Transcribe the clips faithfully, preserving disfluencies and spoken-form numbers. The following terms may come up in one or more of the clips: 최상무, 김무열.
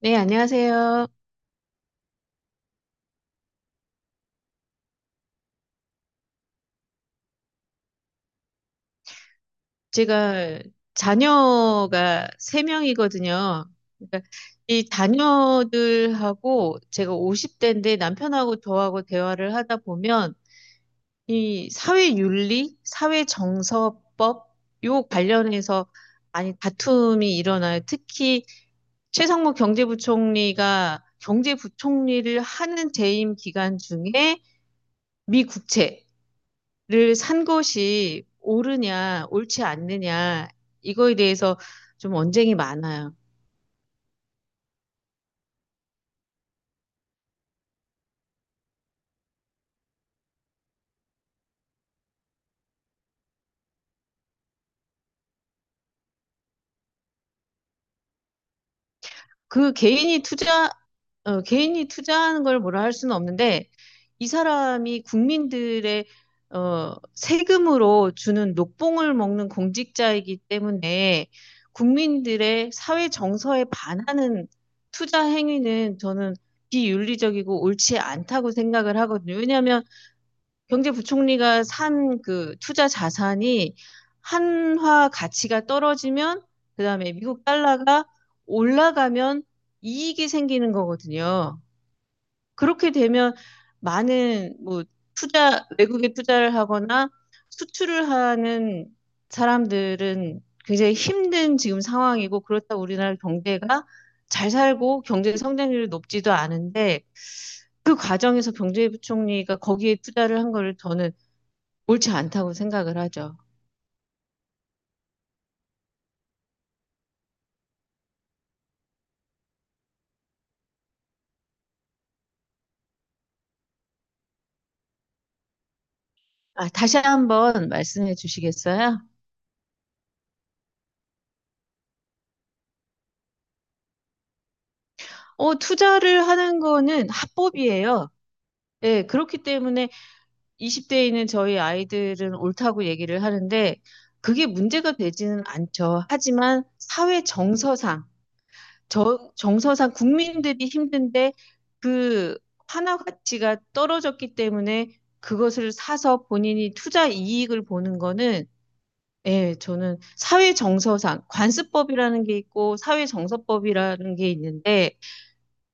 네, 안녕하세요. 제가 자녀가 세명이거든요. 그러니까 이 자녀들하고 제가 오십 대인데 남편하고 저하고 대화를 하다 보면 이 사회윤리, 사회정서법, 요 관련해서 많이 다툼이 일어나요. 특히 최상무 경제부총리가 경제부총리를 하는 재임 기간 중에 미 국채 를 산 것이 옳으냐, 옳지 않느냐, 이거에 대해서 좀 언쟁이 많아요. 그 개인이 투자, 어, 개인이 투자하는 걸 뭐라 할 수는 없는데, 이 사람이 국민들의 어, 세금으로 주는 녹봉을 먹는 공직자이기 때문에 국민들의 사회 정서에 반하는 투자 행위는 저는 비윤리적이고 옳지 않다고 생각을 하거든요. 왜냐하면 경제부총리가 산 그 투자 자산이 한화 가치가 떨어지면 그다음에 미국 달러가 올라가면 이익이 생기는 거거든요. 그렇게 되면 많은 뭐 투자 외국에 투자를 하거나 수출을 하는 사람들은 굉장히 힘든 지금 상황이고, 그렇다고 우리나라 경제가 잘 살고 경제 성장률이 높지도 않은데 그 과정에서 경제부총리가 거기에 투자를 한 거를 저는 옳지 않다고 생각을 하죠. 아, 다시 한번 말씀해 주시겠어요? 어, 투자를 하는 거는 합법이에요. 예, 그렇기 때문에 이십 대에 있는 저희 아이들은 옳다고 얘기를 하는데 그게 문제가 되지는 않죠. 하지만 사회 정서상, 저, 정서상 국민들이 힘든데 그 환화 가치가 떨어졌기 때문에 그것을 사서 본인이 투자 이익을 보는 거는, 예, 저는 사회 정서상 관습법이라는 게 있고 사회 정서법이라는 게 있는데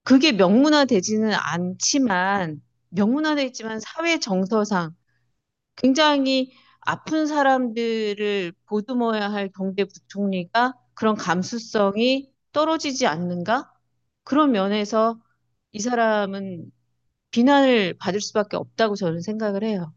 그게 명문화되지는 않지만 명문화돼 있지만 사회 정서상 굉장히 아픈 사람들을 보듬어야 할 경제 부총리가 그런 감수성이 떨어지지 않는가? 그런 면에서 이 사람은 비난을 받을 수밖에 없다고 저는 생각을 해요.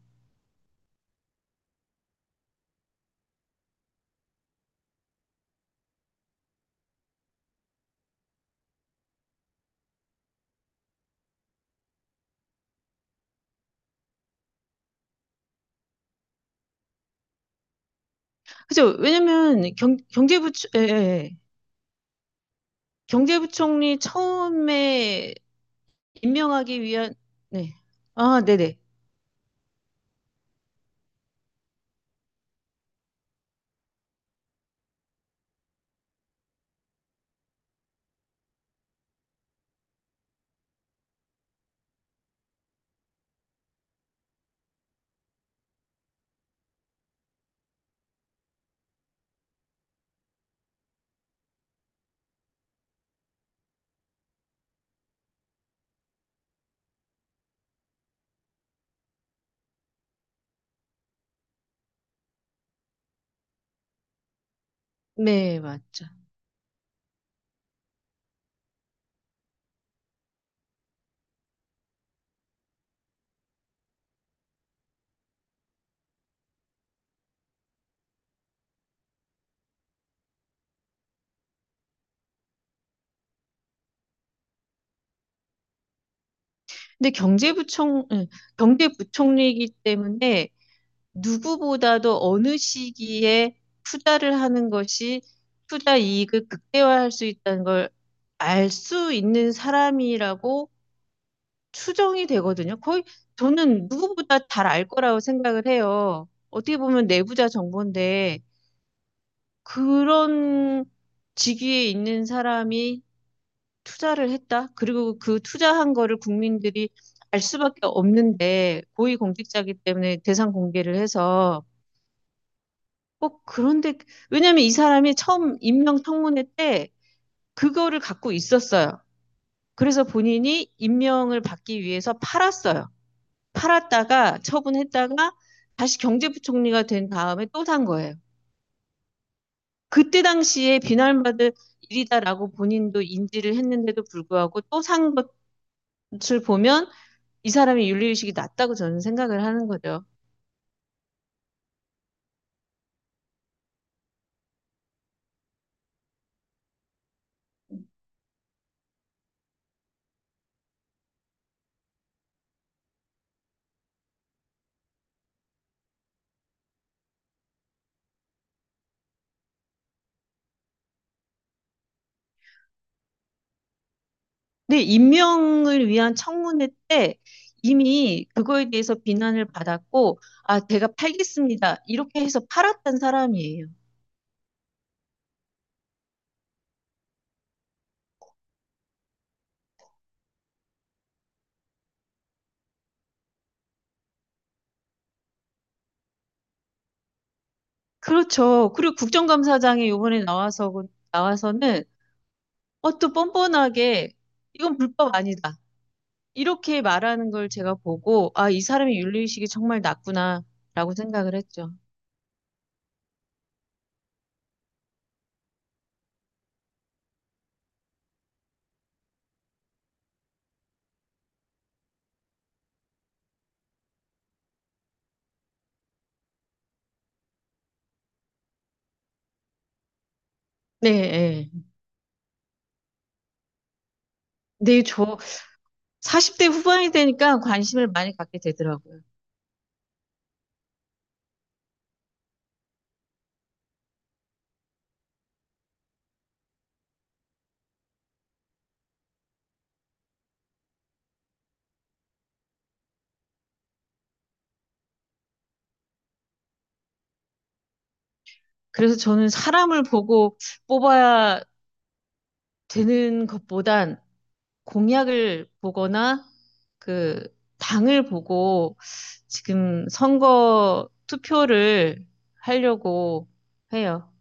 그죠? 왜냐면 경, 경제부, 예, 예. 예. 경제부총리 처음에 임명하기 위한, 네. 아, 네네. 네, 맞죠. 근데 경제부총, 예, 경제부총리이기 때문에 누구보다도 어느 시기에 투자를 하는 것이 투자 이익을 극대화할 수 있다는 걸 알 수 있는 사람이라고 추정이 되거든요. 거의 저는 누구보다 잘 알 거라고 생각을 해요. 어떻게 보면 내부자 정보인데 그런 직위에 있는 사람이 투자를 했다. 그리고 그 투자한 거를 국민들이 알 수밖에 없는데 고위공직자이기 때문에 대상 공개를 해서 꼭, 그런데 왜냐면 하이 사람이 처음 임명 청문회 때 그거를 갖고 있었어요. 그래서 본인이 임명을 받기 위해서 팔았어요. 팔았다가 처분했다가 다시 경제부총리가 된 다음에 또 산 거예요. 그때 당시에 비난받을 일이다라고 본인도 인지를 했는데도 불구하고 또 산 것을 보면 이 사람의 윤리의식이 낮다고 저는 생각을 하는 거죠. 근데 임명을 위한 청문회 때 이미 그거에 대해서 비난을 받았고, 아, 제가 팔겠습니다. 이렇게 해서 팔았던 사람이에요. 그렇죠. 그리고 국정감사장이 이번에 나와서, 나와서는 어, 또 뻔뻔하게 이건 불법 아니다. 이렇게 말하는 걸 제가 보고, 아, 이 사람이 윤리의식이 정말 낮구나라고 생각을 했죠. 네, 예. 네, 저 사십 대 후반이 되니까 관심을 많이 갖게 되더라고요. 그래서 저는 사람을 보고 뽑아야 되는 것보단 공약을 보거나 그 당을 보고 지금 선거 투표를 하려고 해요.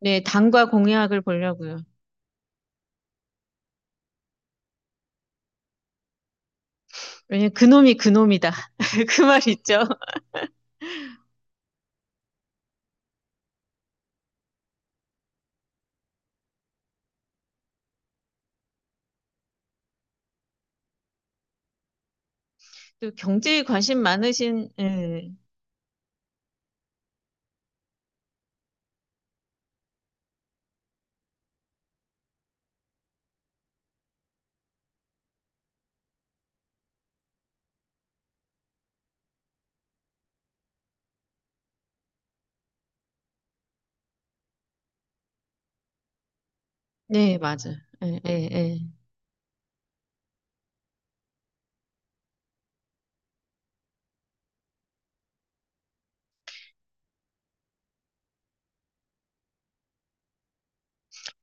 네, 당과 공약을 보려고요. 왜냐면 그놈이 그놈이다. 그 말 있죠. 또 경제에 관심 많으신, 예. 네, 맞아. 예, 예, 예.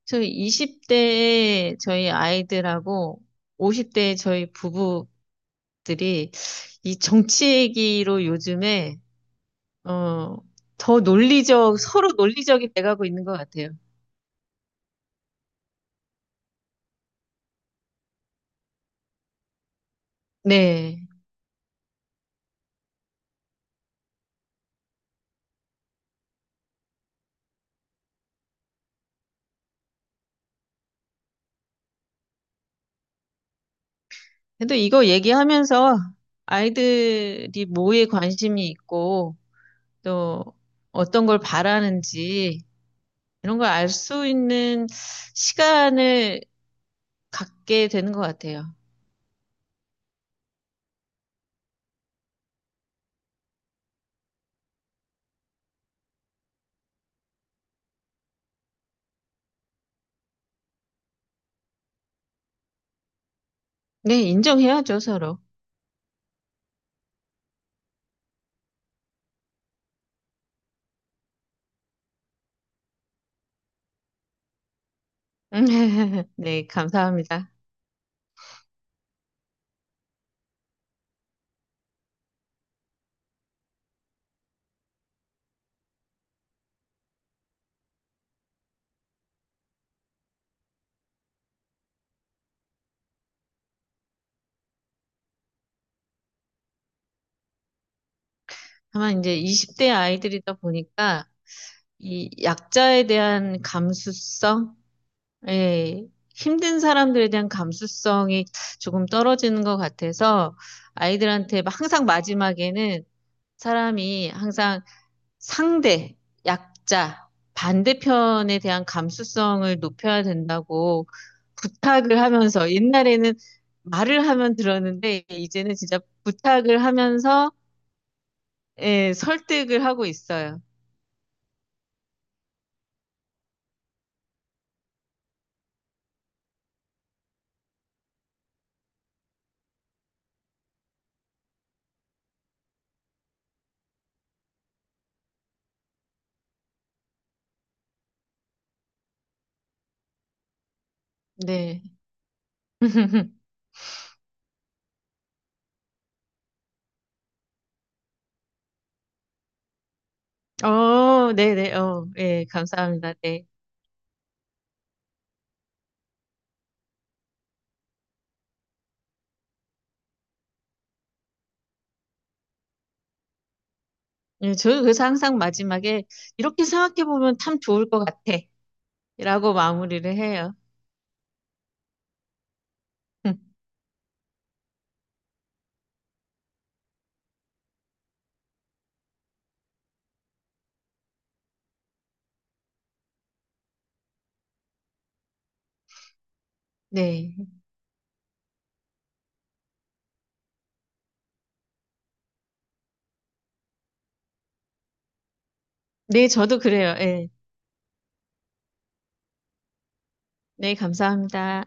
저희 이십 대에 저희 아이들하고 오십 대에 저희 부부들이 이 정치 얘기로 요즘에, 어, 더 논리적, 서로 논리적이 돼가고 있는 것 같아요. 네. 근데 이거 얘기하면서 아이들이 뭐에 관심이 있고 또 어떤 걸 바라는지 이런 걸 알 수 있는 시간을 갖게 되는 것 같아요. 네, 인정해야죠, 서로. 네, 감사합니다. 다만 이제 이십 대 아이들이다 보니까 이 약자에 대한 감수성, 예, 힘든 사람들에 대한 감수성이 조금 떨어지는 것 같아서 아이들한테 막 항상 마지막에는 사람이 항상 상대, 약자, 반대편에 대한 감수성을 높여야 된다고 부탁을 하면서 옛날에는 말을 하면 들었는데 이제는 진짜 부탁을 하면서 예, 설득을 하고 있어요. 네. 어, 네네. 어, 예, 감사합니다. 네. 예, 저는 그래서 항상 마지막에 이렇게 생각해보면 참 좋을 것 같아. 라고 마무리를 해요. 네. 네, 저도 그래요. 예. 네, 감사합니다.